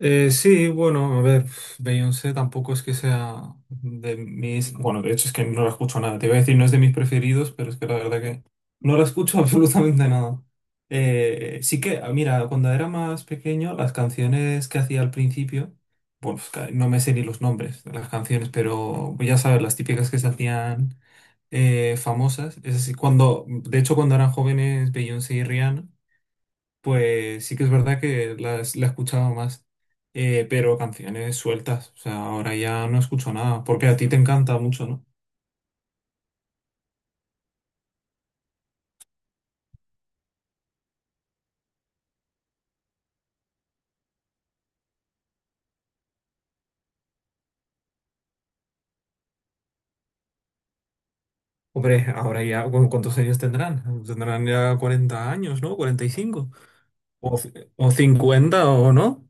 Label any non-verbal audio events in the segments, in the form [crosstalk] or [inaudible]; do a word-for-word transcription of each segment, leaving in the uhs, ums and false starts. Eh, sí, bueno, a ver, Beyoncé tampoco es que sea de mis... Bueno, de hecho es que no la escucho nada. Te iba a decir, no es de mis preferidos, pero es que la verdad que no la escucho [laughs] absolutamente nada. Eh, sí que, ah, mira, cuando era más pequeño, las canciones que hacía al principio, bueno, pues, ca- no me sé ni los nombres de las canciones, pero pues, ya sabes, las típicas que se hacían eh, famosas. Es así, cuando, de hecho, cuando eran jóvenes, Beyoncé y Rihanna. Pues sí que es verdad que la, es- la he escuchado más, eh, pero canciones sueltas, o sea, ahora ya no escucho nada, porque a ti te encanta mucho, ¿no? Hombre, ahora ya, ¿cu- ¿cuántos años tendrán? Tendrán ya cuarenta años, ¿no? ¿cuarenta y cinco? ¿O, ci- o cincuenta o no?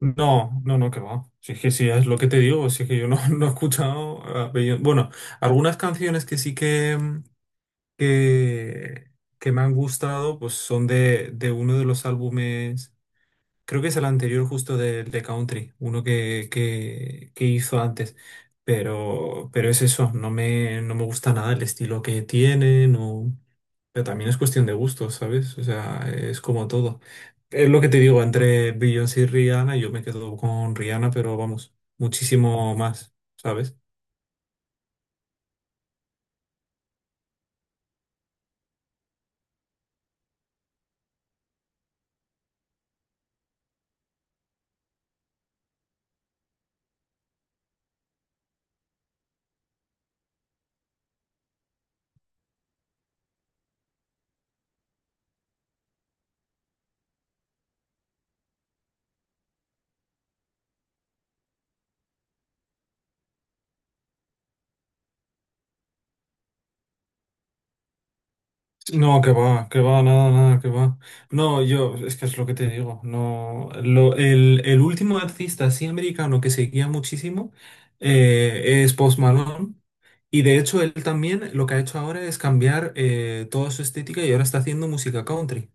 No, no, no, que va. Si es que sí, es lo que te digo, si es que yo no, [laughs] no he escuchado a Beyoncé. Bueno, algunas canciones que sí que, mm, que, que me han gustado, pues son de, de uno de los álbumes. Creo que es el anterior justo de, de Country, uno que, que, que hizo antes. Pero, pero es eso, no me, no me gusta nada el estilo que tiene, no... Pero también es cuestión de gustos, ¿sabes? O sea, es como todo. Es lo que te digo, entre Beyoncé y Rihanna, yo me quedo con Rihanna, pero vamos, muchísimo más, ¿sabes? No, que va, que va, nada, nada, que va. No, yo, es que es lo que te digo. No, lo, el, el último artista así americano que seguía muchísimo eh, es Post Malone. Y de hecho, él también lo que ha hecho ahora es cambiar eh, toda su estética y ahora está haciendo música country.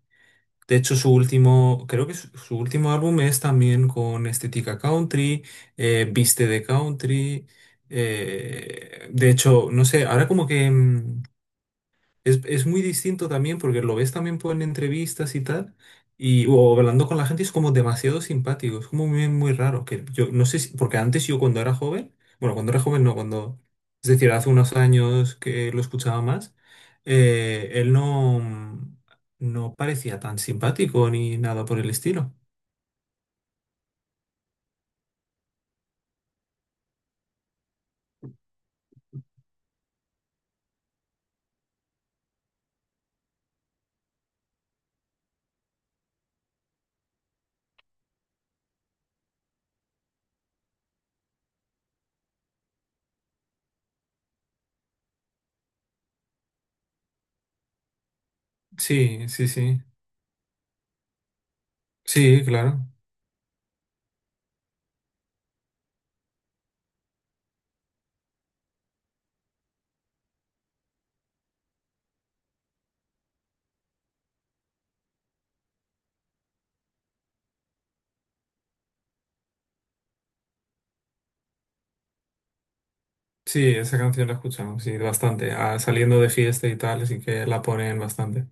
De hecho, su último, creo que su, su último álbum es también con estética country, eh, viste de country. Eh, de hecho, no sé, ahora como que. mm, es, es muy distinto también porque lo ves también por en entrevistas y tal, y, o hablando con la gente, es como demasiado simpático, es como muy, muy raro, que yo no sé si- porque antes yo cuando era joven, bueno, cuando era joven no, cuando, es decir, hace unos años que lo escuchaba más, eh, él no, no parecía tan simpático ni nada por el estilo. Sí, sí, sí, sí, claro. Sí, esa canción la escuchamos, sí, bastante, ah, saliendo de fiesta y tal, así que la ponen bastante.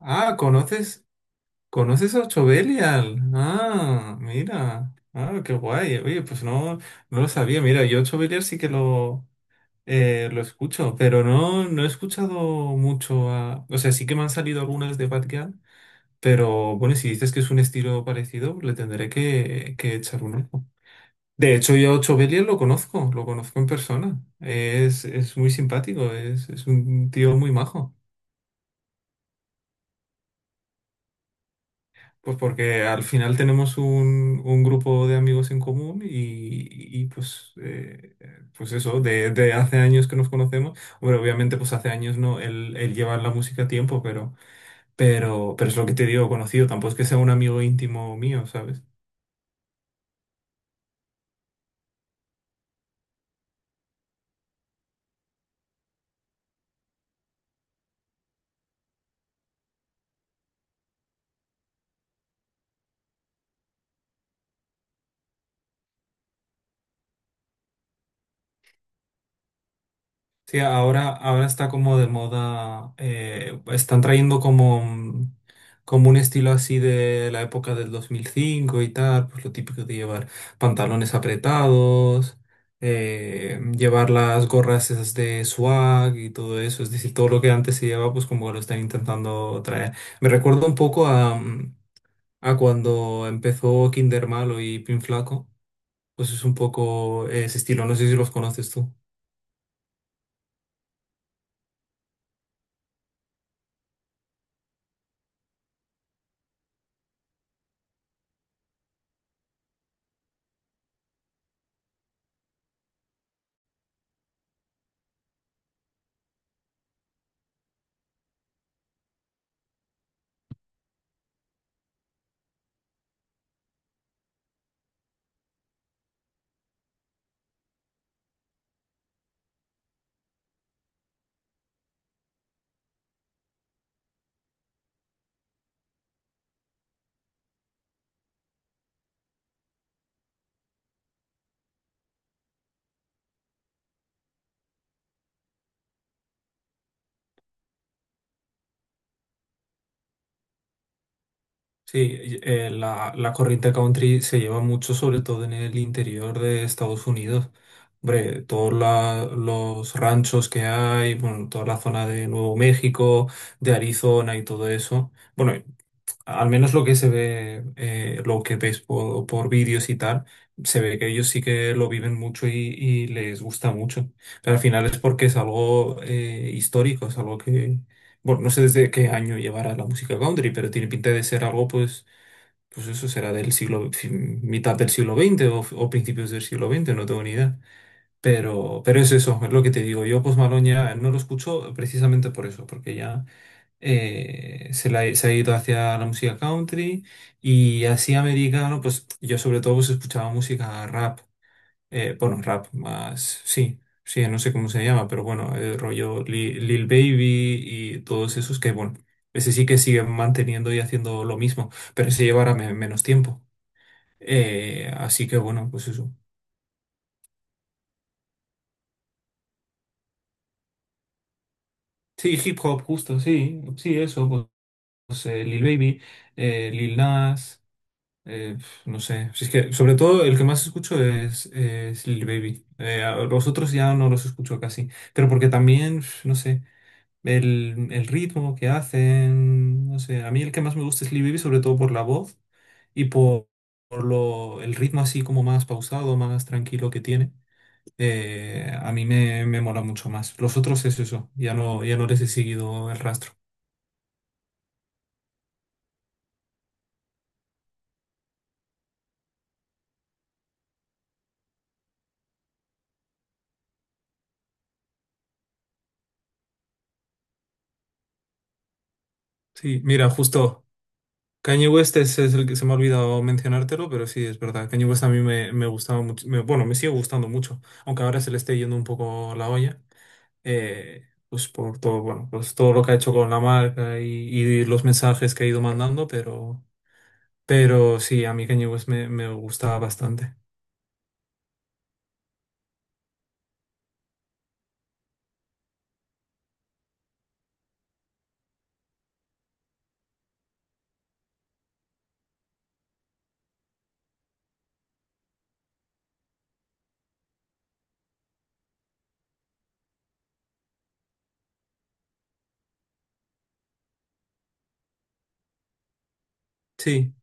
Ah, ¿conoces? ¿Conoces a Ochobelial? Ah, mira. Ah, qué guay. Oye, pues no, no lo sabía. Mira, yo Ochobelial sí que lo, eh, lo escucho, pero no, no he escuchado mucho a... O sea, sí que me han salido algunas de Batgirl, pero bueno, si dices que es un estilo parecido, le tendré que, que echar un ojo. De hecho, yo a Ochobelial lo conozco, lo conozco en persona. Es, es muy simpático, es, es un tío muy majo. Pues porque al final tenemos un, un grupo de amigos en común y, y, pues, eh, pues eso, de, de hace años que nos conocemos. Hombre, obviamente pues hace años no, él, él lleva en la música tiempo, pero, pero, pero es lo que te digo, conocido, tampoco es que sea un amigo íntimo mío, ¿sabes? Sí, ahora, ahora está como de moda, eh, están trayendo como, un- como un estilo así de la época del dos mil cinco y tal, pues lo típico de llevar pantalones apretados, eh, llevar las gorras esas de swag y todo eso, es decir, todo lo que antes se llevaba, pues como lo están intentando traer. Me recuerda un poco a, mm, a cuando empezó Kinder Malo y Pin Flaco, pues es un poco ese estilo, no sé si los conoces tú. Sí, y- eh, la, la corrida country se lleva mucho, sobre todo en el interior de Estados Unidos. Hombre, todos la- los ranchos que hay, bueno, toda la zona de Nuevo México, de Arizona y todo eso. Bueno, al menos lo que se ve, eh, lo que ves por, por vídeos y tal, se ve que ellos sí que lo viven mucho y, y les gusta mucho. Pero al final es porque es algo eh, histórico, es algo que, bueno, no sé desde qué año llevará la música country, pero tiene pinta de ser algo, pues, pues eso será del siglo, fi- mitad del siglo veinte o, o principios del siglo veinte, no tengo ni idea. Pero, pero es eso, es lo que te digo. Yo Post Malone ya no lo escucho precisamente por eso, porque ya eh, se, la- se ha ido hacia la música country y así americano, pues yo sobre todo pues, escuchaba música rap eh, bueno, rap más, sí, sí, no sé cómo se llama, pero bueno, el rollo Li- Lil Baby y todos esos que, bueno, ese sí que siguen manteniendo y haciendo lo mismo, pero ese llevará me- menos tiempo. Eh, así que bueno, pues eso. Sí, hip hop, justo, sí, sí, eso, pues, pues, eh, Lil Baby, eh, Lil Nas, eh, pf, no sé, si es que sobre todo el que más escucho es, es Lil Baby. Eh, a los otros ya no los escucho casi, pero porque también, pf, no sé. El, el ritmo que hacen, no sé, a mí el que más me gusta es Lee Baby, sobre todo por la voz y por, por lo, el ritmo así como más pausado, más tranquilo que tiene. Eh, a mí me, me mola mucho más. Los otros es eso, ya no, ya no les he seguido el rastro. Sí, mira, justo Kanye West es, es el que se me ha olvidado mencionártelo, pero sí, es verdad. Kanye West a mí me, me gustaba mucho, me- bueno, me sigue gustando mucho, aunque ahora se le esté yendo un poco la olla. Eh, pues por todo, bueno, pues todo lo que ha hecho con la marca y, y los mensajes que ha ido mandando, pero, pero sí, a mí Kanye West me, me gusta bastante. Sí.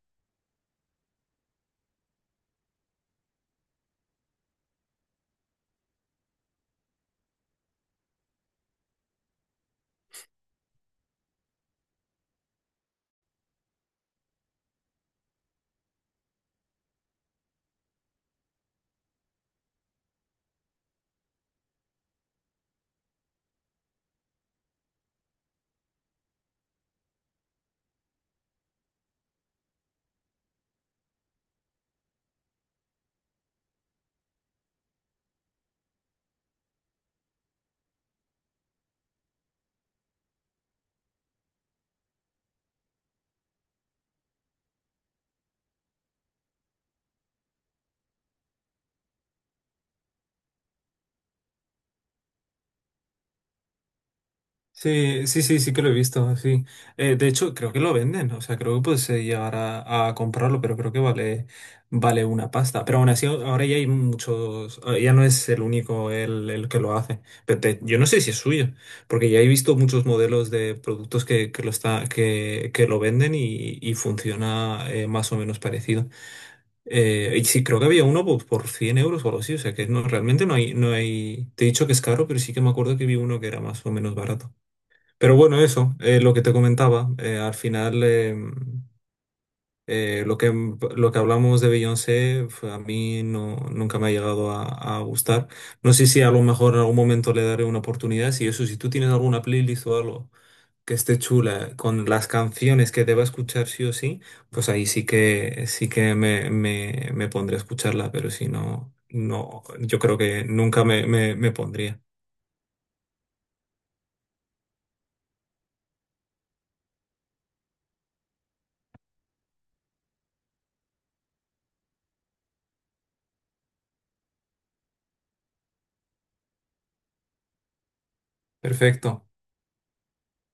Sí, sí, sí, sí que lo he visto, sí. Eh, de hecho, creo que lo venden, o sea, creo que puedes eh, llegar a, a comprarlo, pero creo que vale, vale una pasta. Pero aún así, ahora ya hay muchos, ah, ya no es el único el, el que lo hace. Pero te- yo no sé si es suyo, porque ya he visto muchos modelos de productos que, que lo está, que, que lo venden y, y funciona eh, más o menos parecido. Eh, y sí, creo que había uno por, por cien euros o algo así, o sea, que no, realmente no hay, no hay, te he dicho que es caro, pero sí que me acuerdo que vi uno que era más o menos barato. Pero bueno, eso, eh, lo que te comentaba, eh, al final em, eh, lo que, lo que hablamos de Beyoncé fue- a mí no, nunca me ha llegado a, a gustar. No sé si a lo mejor en algún momento le daré una oportunidad. Si eso, si tú tienes alguna playlist o algo que esté chula con las canciones que deba escuchar sí o sí, pues ahí sí que, sí que me, me, me pondré a escucharla, pero si no, no, yo creo que nunca me, me me pondría. Perfecto.